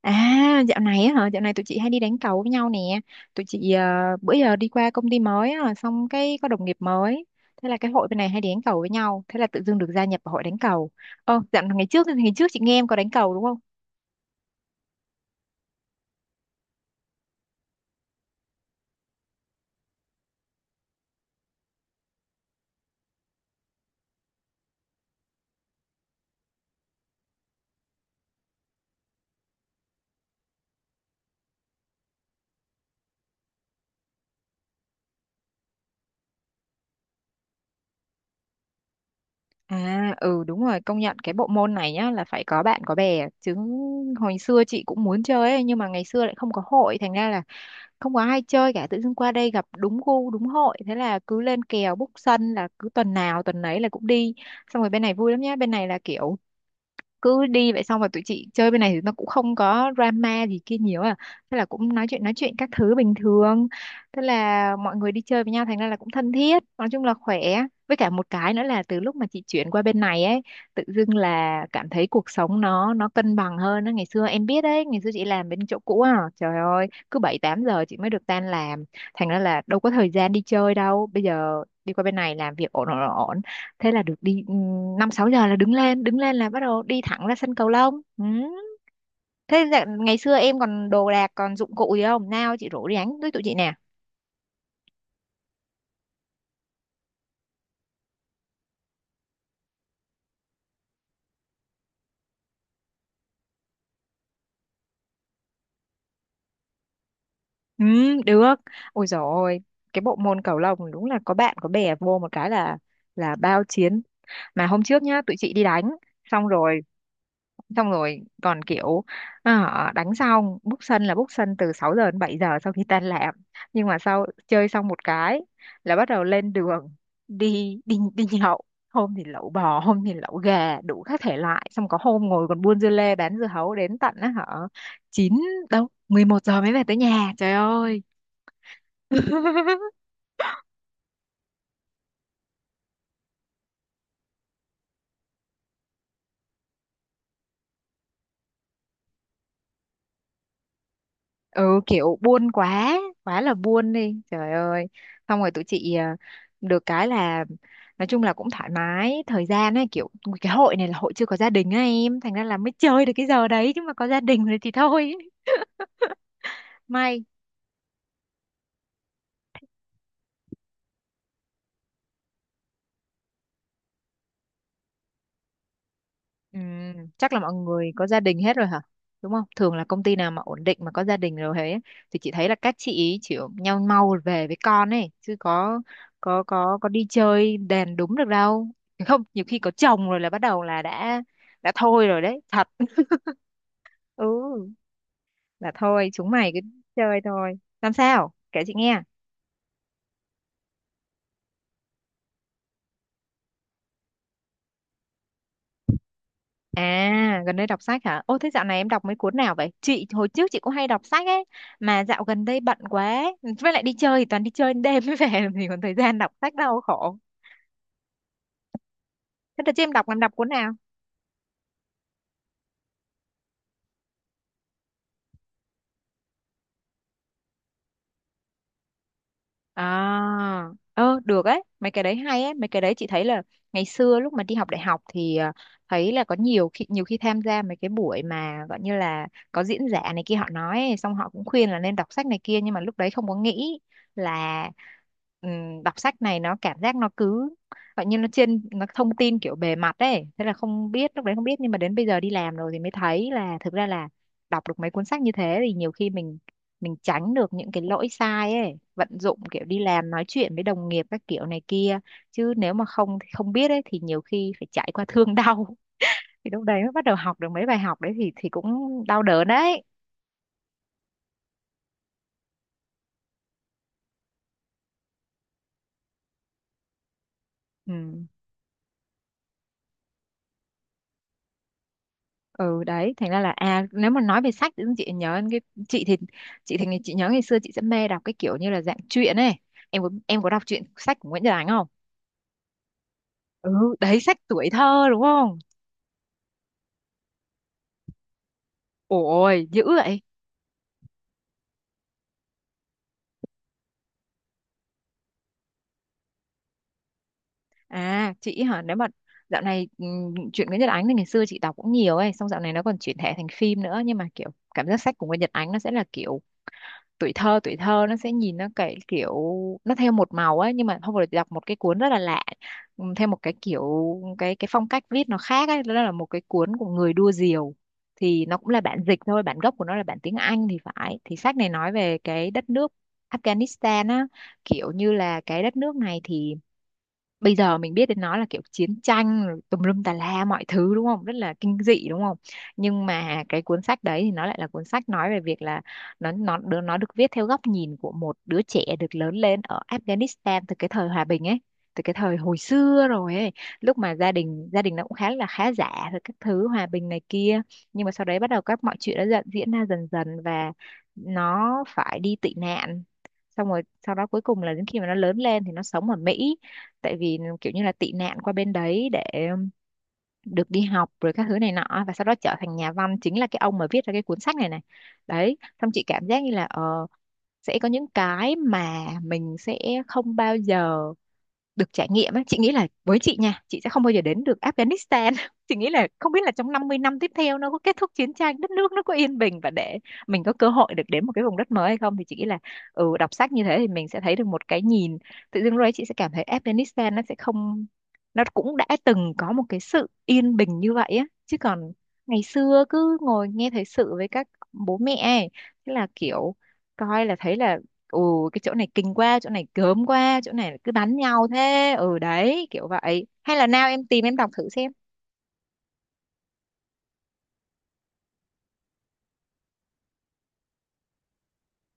À, dạo này á hả? Dạo này tụi chị hay đi đánh cầu với nhau nè. Tụi chị bữa giờ đi qua công ty mới á, xong cái có đồng nghiệp mới. Thế là cái hội bên này hay đi đánh cầu với nhau. Thế là tự dưng được gia nhập vào hội đánh cầu. Ờ, dạo ngày trước chị nghe em có đánh cầu đúng không? À, ừ đúng rồi, công nhận cái bộ môn này nhá là phải có bạn có bè chứ hồi xưa chị cũng muốn chơi ấy, nhưng mà ngày xưa lại không có hội thành ra là không có ai chơi cả. Tự dưng qua đây gặp đúng gu đúng hội, thế là cứ lên kèo book sân là cứ tuần nào tuần nấy là cũng đi. Xong rồi bên này vui lắm nhá, bên này là kiểu cứ đi vậy, xong rồi tụi chị chơi bên này thì nó cũng không có drama gì kia nhiều à, thế là cũng nói chuyện các thứ bình thường, thế là mọi người đi chơi với nhau thành ra là cũng thân thiết, nói chung là khỏe. Với cả một cái nữa là từ lúc mà chị chuyển qua bên này ấy, tự dưng là cảm thấy cuộc sống nó cân bằng hơn á. Ngày xưa em biết đấy, ngày xưa chị làm bên chỗ cũ à, trời ơi, cứ 7-8 giờ chị mới được tan làm, thành ra là đâu có thời gian đi chơi đâu. Bây giờ đi qua bên này làm việc ổn ổn ổn, thế là được đi 5-6 giờ là đứng lên là bắt đầu đi thẳng ra sân cầu lông ừ. Thế ngày xưa em còn đồ đạc còn dụng cụ gì không nào, chị rủ đi đánh với tụi chị nè. Ừ được. Ôi dồi ôi, cái bộ môn cầu lông đúng là có bạn có bè vô một cái là bao chiến. Mà hôm trước nhá tụi chị đi đánh, xong rồi xong rồi còn kiểu đánh xong book sân, là book sân từ 6 giờ đến 7 giờ sau khi tan làm. Nhưng mà sau chơi xong một cái là bắt đầu lên đường đi đi đi nhậu. Hôm thì lẩu bò hôm thì lẩu gà đủ các thể loại, xong có hôm ngồi còn buôn dưa lê bán dưa hấu đến tận á hả chín, đâu 11 giờ mới về tới nhà, trời ơi. Ừ kiểu buôn quá, quá là buôn đi trời ơi. Xong rồi tụi chị được cái là nói chung là cũng thoải mái thời gian ấy, kiểu cái hội này là hội chưa có gia đình á em, thành ra là mới chơi được cái giờ đấy, chứ mà có gia đình rồi thì thôi. May. Ừ, chắc là mọi người có gia đình hết rồi hả? Đúng không? Thường là công ty nào mà ổn định mà có gia đình rồi thế thì chị thấy là các chị ý chỉ nhau mau về với con ấy, chứ có có đi chơi đèn đúng được đâu. Không, nhiều khi có chồng rồi là bắt đầu là đã thôi rồi đấy, thật. Ừ, là thôi chúng mày cứ chơi thôi. Làm sao? Kể chị nghe. À, gần đây đọc sách hả? Ô, thế dạo này em đọc mấy cuốn nào vậy? Chị, hồi trước chị cũng hay đọc sách ấy, mà dạo gần đây bận quá. Với lại đi chơi thì toàn đi chơi đến đêm mới về, thì còn thời gian đọc sách đâu khổ. Thế đợt chị em đọc, làm đọc cuốn nào? À, ơ được ấy, mấy cái đấy hay ấy, mấy cái đấy chị thấy là ngày xưa lúc mà đi học đại học thì thấy là có nhiều khi tham gia mấy cái buổi mà gọi như là có diễn giả này kia họ nói ấy, xong họ cũng khuyên là nên đọc sách này kia, nhưng mà lúc đấy không có nghĩ là đọc sách này nó cảm giác nó cứ gọi như nó trên, nó thông tin kiểu bề mặt ấy, thế là không biết, lúc đấy không biết, nhưng mà đến bây giờ đi làm rồi thì mới thấy là thực ra là đọc được mấy cuốn sách như thế thì nhiều khi mình tránh được những cái lỗi sai ấy, vận dụng kiểu đi làm nói chuyện với đồng nghiệp các kiểu này kia. Chứ nếu mà không không biết ấy thì nhiều khi phải trải qua thương đau thì lúc đấy mới bắt đầu học được mấy bài học đấy, thì cũng đau đớn đấy. Ừ ừ, đấy thành ra là à nếu mà nói về sách thì chị nhớ đến cái, chị thì chị thì chị nhớ ngày xưa chị sẽ mê đọc cái kiểu như là dạng truyện ấy. Em có đọc truyện sách của Nguyễn Nhật Ánh không? Ừ đấy sách tuổi thơ đúng không. Ôi dữ vậy. À, chị hả? Nếu mà dạo này truyện Nguyễn Nhật Ánh thì ngày xưa chị đọc cũng nhiều ấy, xong dạo này nó còn chuyển thể thành phim nữa, nhưng mà kiểu cảm giác sách của Nguyễn Nhật Ánh nó sẽ là kiểu tuổi thơ, tuổi thơ nó sẽ nhìn nó cái kiểu nó theo một màu ấy. Nhưng mà hôm vừa rồi chị đọc một cái cuốn rất là lạ, theo một cái kiểu cái phong cách viết nó khác ấy, đó là một cái cuốn của người đua diều, thì nó cũng là bản dịch thôi, bản gốc của nó là bản tiếng Anh thì phải. Thì sách này nói về cái đất nước Afghanistan á, kiểu như là cái đất nước này thì bây giờ mình biết đến nó là kiểu chiến tranh rồi tùm lum tà la mọi thứ đúng không, rất là kinh dị đúng không. Nhưng mà cái cuốn sách đấy thì nó lại là cuốn sách nói về việc là nó được viết theo góc nhìn của một đứa trẻ được lớn lên ở Afghanistan từ cái thời hòa bình ấy, từ cái thời hồi xưa rồi ấy, lúc mà gia đình nó cũng khá là khá giả rồi các thứ, hòa bình này kia. Nhưng mà sau đấy bắt đầu các mọi chuyện đã dần diễn ra dần dần, và nó phải đi tị nạn, xong rồi sau đó cuối cùng là đến khi mà nó lớn lên thì nó sống ở Mỹ, tại vì kiểu như là tị nạn qua bên đấy để được đi học rồi các thứ này nọ, và sau đó trở thành nhà văn, chính là cái ông mà viết ra cái cuốn sách này này. Đấy. Xong chị cảm giác như là sẽ có những cái mà mình sẽ không bao giờ được trải nghiệm ấy. Chị nghĩ là với chị nha, chị sẽ không bao giờ đến được Afghanistan chị nghĩ là không biết là trong 50 năm tiếp theo nó có kết thúc chiến tranh, đất nước nó có yên bình và để mình có cơ hội được đến một cái vùng đất mới hay không, thì chị nghĩ là ừ, đọc sách như thế thì mình sẽ thấy được một cái nhìn. Tự dưng rồi chị sẽ cảm thấy Afghanistan nó sẽ không, nó cũng đã từng có một cái sự yên bình như vậy á, chứ còn ngày xưa cứ ngồi nghe thời sự với các bố mẹ ấy, thế là kiểu coi là thấy là ừ, cái chỗ này kinh quá, chỗ này gớm quá, chỗ này cứ bắn nhau thế. Ừ đấy kiểu vậy, hay là nào em tìm em đọc thử xem.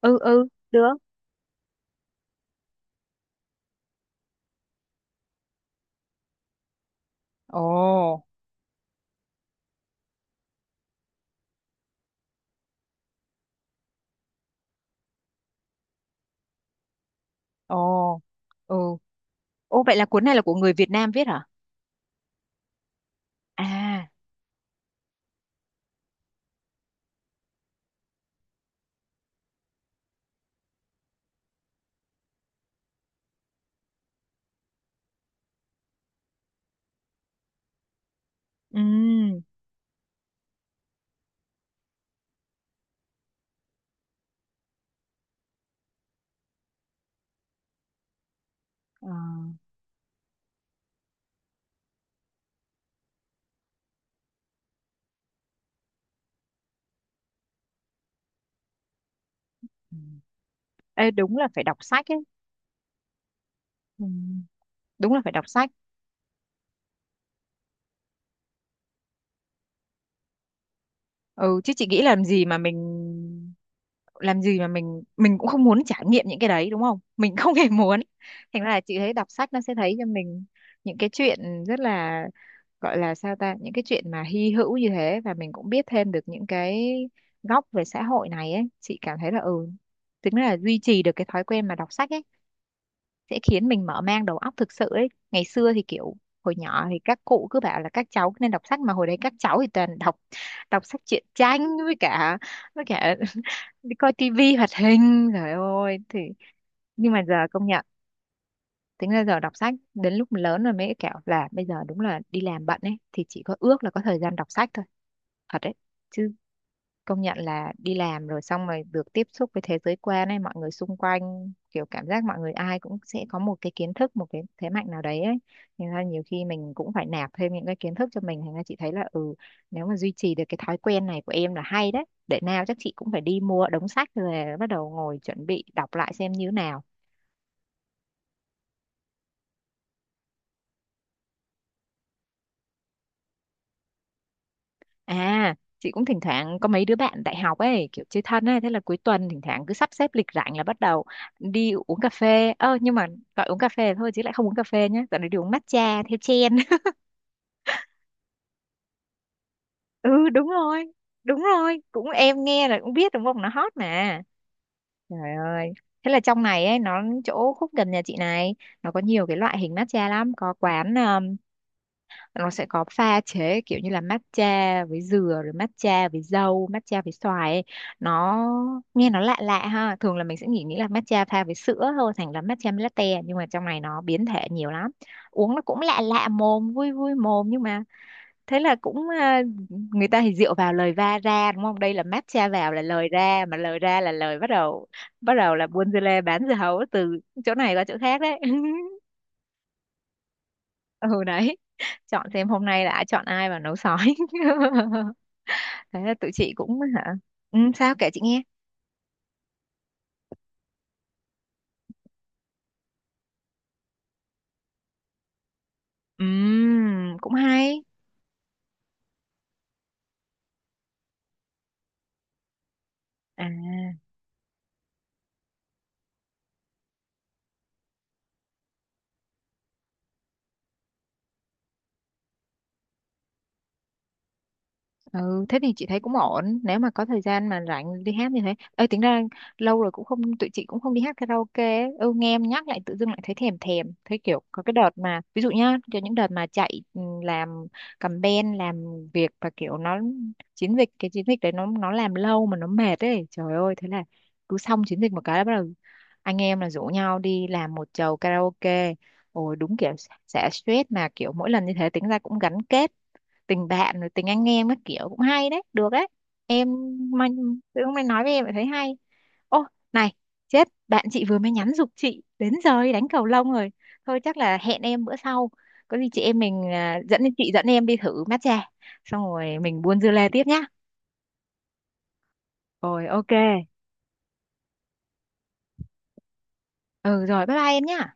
Ừ ừ được. Ồ ồ. Ừ. Ô vậy là cuốn này là của người Việt Nam viết hả? À. Ừ. ờ, ừ. Ê, đúng là phải đọc sách ấy. Ừ. Đúng là phải đọc sách. Ừ, chứ chị nghĩ làm gì mà mình cũng không muốn trải nghiệm những cái đấy, đúng không, mình không hề muốn. Thành ra là chị thấy đọc sách nó sẽ thấy cho mình những cái chuyện rất là, gọi là sao ta, những cái chuyện mà hy hữu như thế, và mình cũng biết thêm được những cái góc về xã hội này ấy. Chị cảm thấy là ừ, tính là duy trì được cái thói quen mà đọc sách ấy sẽ khiến mình mở mang đầu óc thực sự ấy. Ngày xưa thì kiểu hồi nhỏ thì các cụ cứ bảo là các cháu nên đọc sách, mà hồi đấy các cháu thì toàn đọc đọc sách truyện tranh với cả đi coi tivi hoạt hình, trời ơi. Thì nhưng mà giờ công nhận, tính ra giờ đọc sách đến lúc lớn rồi mới kiểu là bây giờ đúng là đi làm bận ấy, thì chỉ có ước là có thời gian đọc sách thôi. Thật đấy chứ, công nhận là đi làm rồi, xong rồi được tiếp xúc với thế giới quan ấy, mọi người xung quanh kiểu cảm giác mọi người ai cũng sẽ có một cái kiến thức, một cái thế mạnh nào đấy ấy. Thành ra nhiều khi mình cũng phải nạp thêm những cái kiến thức cho mình. Thành ra chị thấy là ừ, nếu mà duy trì được cái thói quen này của em là hay đấy. Để nào chắc chị cũng phải đi mua đống sách rồi bắt đầu ngồi chuẩn bị đọc lại xem như thế nào. À, chị cũng thỉnh thoảng có mấy đứa bạn đại học ấy, kiểu chơi thân ấy, thế là cuối tuần thỉnh thoảng cứ sắp xếp lịch rảnh là bắt đầu đi uống cà phê. Ơ nhưng mà gọi uống cà phê thôi chứ lại không uống cà phê nhé. Dạo này đi uống matcha theo trend. Ừ đúng rồi, cũng em nghe là cũng biết đúng không, nó hot mà. Trời ơi. Thế là trong này ấy, nó chỗ khúc gần nhà chị này, nó có nhiều cái loại hình matcha lắm, có quán nó sẽ có pha chế kiểu như là matcha với dừa, rồi matcha với dâu, matcha với xoài ấy. Nó nghe nó lạ lạ ha, thường là mình sẽ nghĩ nghĩ là matcha pha với sữa thôi, thành là matcha latte, nhưng mà trong này nó biến thể nhiều lắm. Uống nó cũng lạ lạ mồm, vui vui mồm. Nhưng mà thế là cũng người ta thì rượu vào lời va ra, đúng không, đây là matcha vào là lời ra, mà lời ra là lời bắt đầu, bắt đầu là buôn dưa lê bán dưa hấu từ chỗ này qua chỗ khác đấy. Ừ đấy, chọn xem hôm nay đã chọn ai vào nấu sói. Thế là tụi chị cũng hả. Ừ, sao kể chị nghe. Cũng hay à. Ừ, thế thì chị thấy cũng ổn nếu mà có thời gian mà rảnh đi hát như thế. Ơi tính ra lâu rồi cũng không, tụi chị cũng không đi hát karaoke ấy. Ừ, nghe em nhắc lại tự dưng lại thấy thèm thèm, thấy kiểu có cái đợt mà ví dụ nhá, cho những đợt mà chạy ừ, làm campaign, làm việc và kiểu nó chiến dịch, cái chiến dịch đấy nó làm lâu mà nó mệt ấy, trời ơi. Thế là cứ xong chiến dịch một cái là bắt đầu anh em là rủ nhau đi làm một chầu karaoke. Ôi đúng kiểu xả stress mà, kiểu mỗi lần như thế tính ra cũng gắn kết tình bạn rồi tình anh em các kiểu, cũng hay đấy, được đấy em. Mà tự hôm nay nói với em lại thấy hay. Ô này, chết, bạn chị vừa mới nhắn giục chị đến giờ đi đánh cầu lông rồi. Thôi chắc là hẹn em bữa sau, có gì chị em mình à, dẫn em đi thử matcha xong rồi mình buôn dưa lê tiếp nhá. Rồi ok. Ừ rồi, bye bye em nhá.